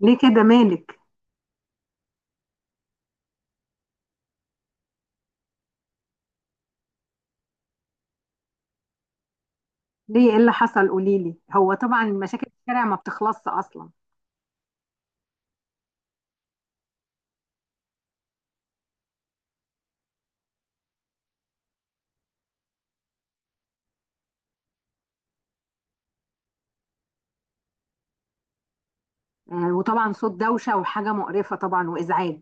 ليه كده؟ مالك؟ ليه، ايه اللي حصل؟ قوليلي. هو طبعا مشاكل الشارع ما بتخلصش اصلا. آه، وطبعا صوت دوشه وحاجه مقرفه طبعا وازعاج.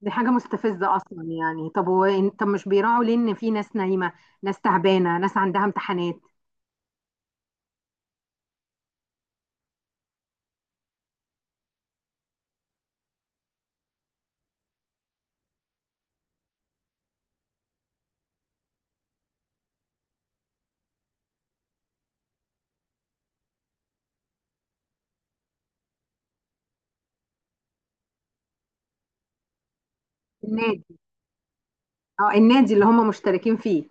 دي حاجه مستفزه اصلا يعني. طب هو طب مش بيراعوا ليه ان في ناس نايمه، ناس تعبانه، ناس عندها امتحانات. النادي. اه، النادي اللي هم مشتركين فيه.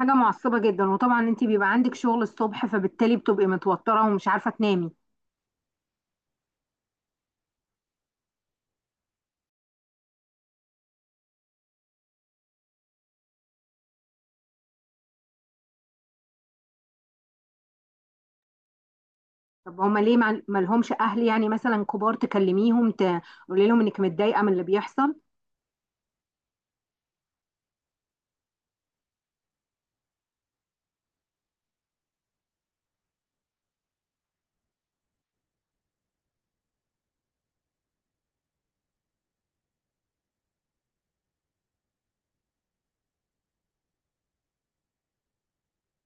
حاجه معصبه جدا، وطبعا انت بيبقى عندك شغل الصبح، فبالتالي بتبقي متوتره ومش عارفه تنامي. طب هما ليه ما لهمش اهل يعني، مثلا كبار تكلميهم تقولي لهم انك متضايقه من اللي بيحصل؟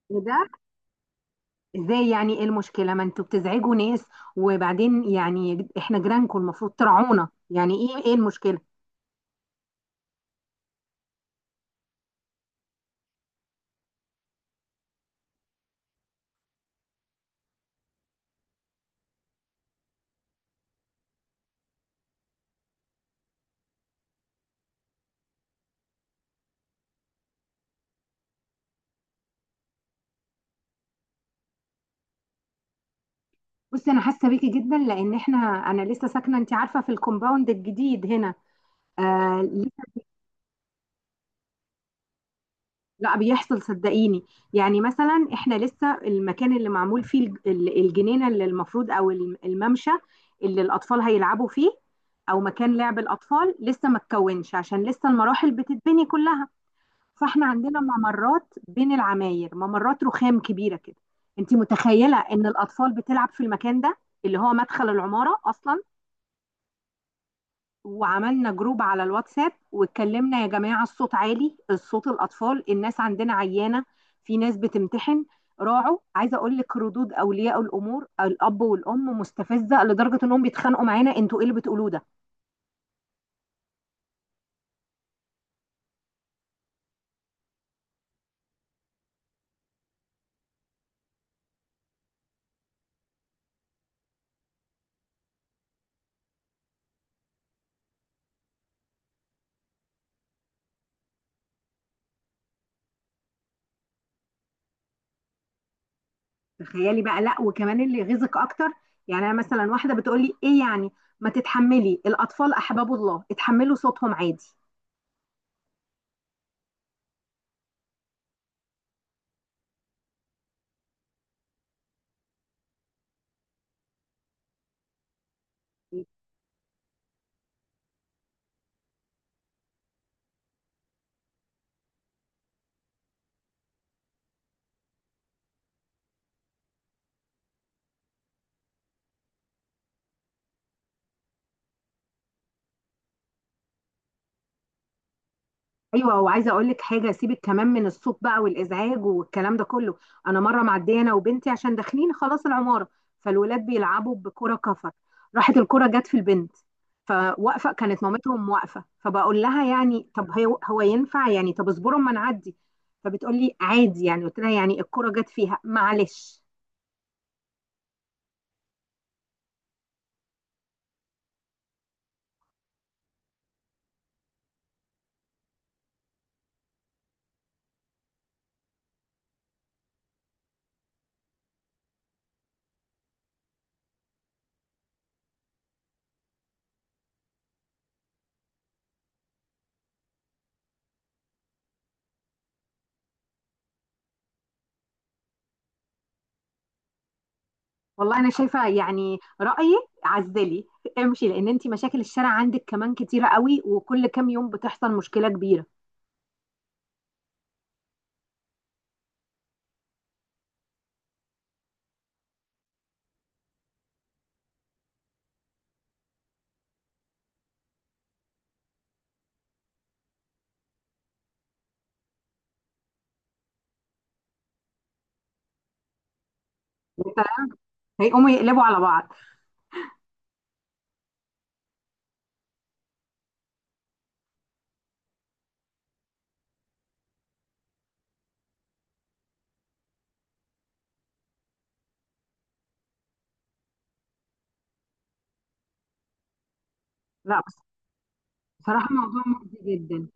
ده ازاي يعني؟ ايه المشكلة؟ ما انتوا بتزعجوا ناس، وبعدين يعني احنا جيرانكم، المفروض ترعونا. يعني ايه؟ ايه المشكلة؟ بصي، انا حاسة بيكي جدا، لان احنا، انا لسه ساكنة، انت عارفة، في الكومباوند الجديد هنا. آه لسه- لا، بيحصل صدقيني. يعني مثلا احنا لسه المكان اللي معمول فيه الجنينة اللي المفروض، او الممشى اللي الاطفال هيلعبوا فيه، او مكان لعب الاطفال، لسه ما اتكونش، عشان لسه المراحل بتتبني كلها. فاحنا عندنا ممرات بين العماير، ممرات رخام كبيره كده. انت متخيله ان الاطفال بتلعب في المكان ده؟ اللي هو مدخل العماره اصلا. وعملنا جروب على الواتساب، واتكلمنا يا جماعه الصوت عالي، الصوت، الاطفال، الناس عندنا عيانه، في ناس بتمتحن، راعوا. عايزه اقول لك، ردود اولياء الامور الاب والام مستفزه لدرجه انهم بيتخانقوا معانا: انتوا ايه اللي بتقولوه ده؟ تخيلي بقى. لا، وكمان اللي يغيظك اكتر، يعني انا مثلا واحده بتقول لي ايه يعني، ما تتحملي؟ الاطفال احباب الله، اتحملوا صوتهم عادي. ايوه، وعايزه اقول لك حاجه، سيبك كمان من الصوت بقى والازعاج والكلام ده كله. انا مره معديه انا وبنتي، عشان داخلين خلاص العماره، فالولاد بيلعبوا بكره كفر، راحت الكره جت في البنت. فواقفه، كانت مامتهم واقفه، فبقول لها يعني طب هو ينفع يعني؟ طب اصبروا اما نعدي. فبتقول لي عادي يعني. قلت لها يعني الكره جت فيها معلش. والله انا شايفه، يعني رايي، عزلي، امشي. لان انت مشاكل الشارع عندك كمان كتيره قوي، وكل كام يوم بتحصل مشكله كبيره. هيقوموا يقلبوا على بعض. لا بس، بصراحه موضوع مؤذي جدا.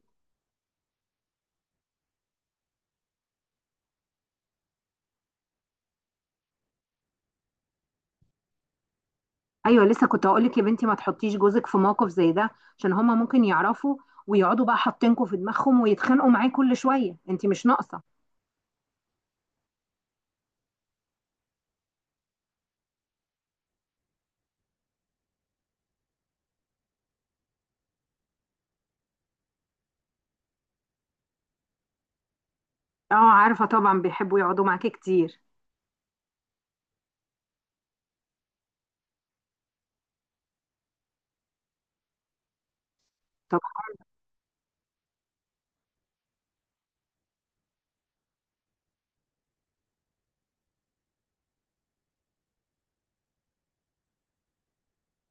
ايوه، لسه كنت هقول لك يا بنتي ما تحطيش جوزك في موقف زي ده، عشان هما ممكن يعرفوا، ويقعدوا بقى حاطينكوا في دماغهم ويتخانقوا معاه كل شويه، انت مش ناقصه. اه عارفه طبعا، بيحبوا يقعدوا معاكي كتير. طب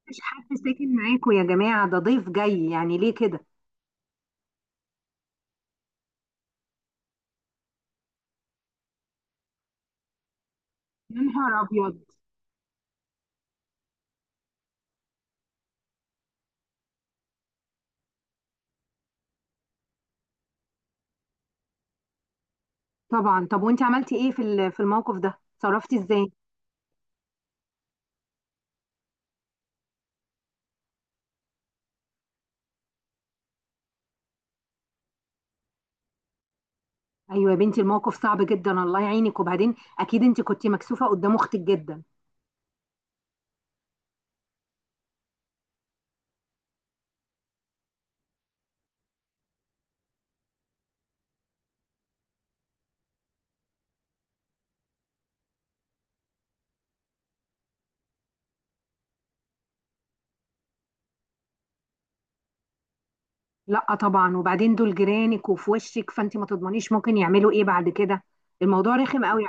مفيش حد ساكن معاكوا يا جماعه؟ ده ضيف جاي، يعني ليه كده؟ يا نهار ابيض. طبعا. طب وانت عملتي ايه في في الموقف ده؟ اتصرفتي ازاي؟ ايوه يا بنتي، الموقف صعب جدا، الله يعينك. وبعدين اكيد انت كنت مكسوفه قدام اختك جدا. لا طبعا، وبعدين دول جيرانك وفي وشك، فانت ما تضمنيش ممكن يعملوا ايه بعد كده. الموضوع رخم قوي.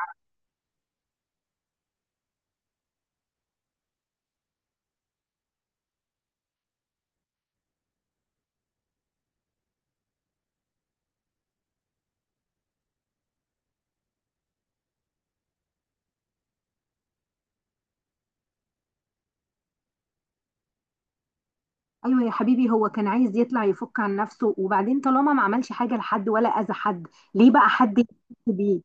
ايوه يا حبيبي، هو كان عايز يطلع يفك عن نفسه، وبعدين طالما ما عملش حاجه لحد ولا اذى حد، ليه بقى حد يحس بيه؟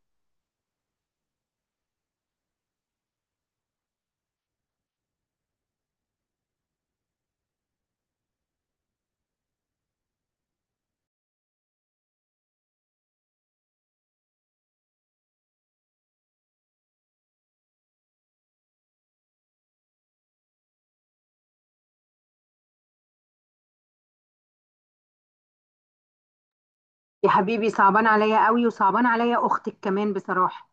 يا حبيبي صعبان عليا قوي، وصعبان عليا اختك كمان بصراحه.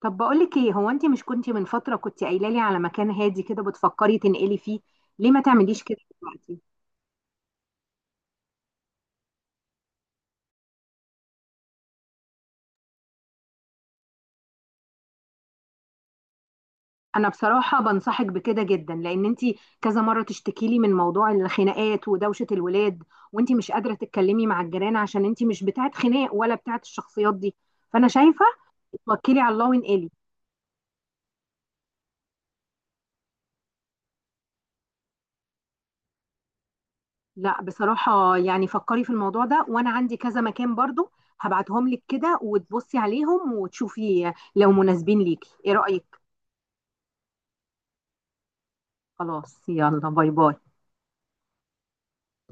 طب بقولك ايه، هو انت مش كنتي من فترة كنتي قايلة لي على مكان هادي كده بتفكري تنقلي فيه؟ ليه ما تعمليش كده دلوقتي؟ انا بصراحة بنصحك بكده جدا، لان انت كذا مرة تشتكي لي من موضوع الخناقات ودوشة الولاد، وانت مش قادرة تتكلمي مع الجيران عشان انت مش بتاعت خناق ولا بتاعت الشخصيات دي. فانا شايفة توكلي على الله وانقلي. لا بصراحة، يعني فكري في الموضوع ده، وانا عندي كذا مكان برضو هبعتهم لك كده، وتبصي عليهم وتشوفي لو مناسبين ليكي. ايه رأيك؟ خلاص، يلا باي باي.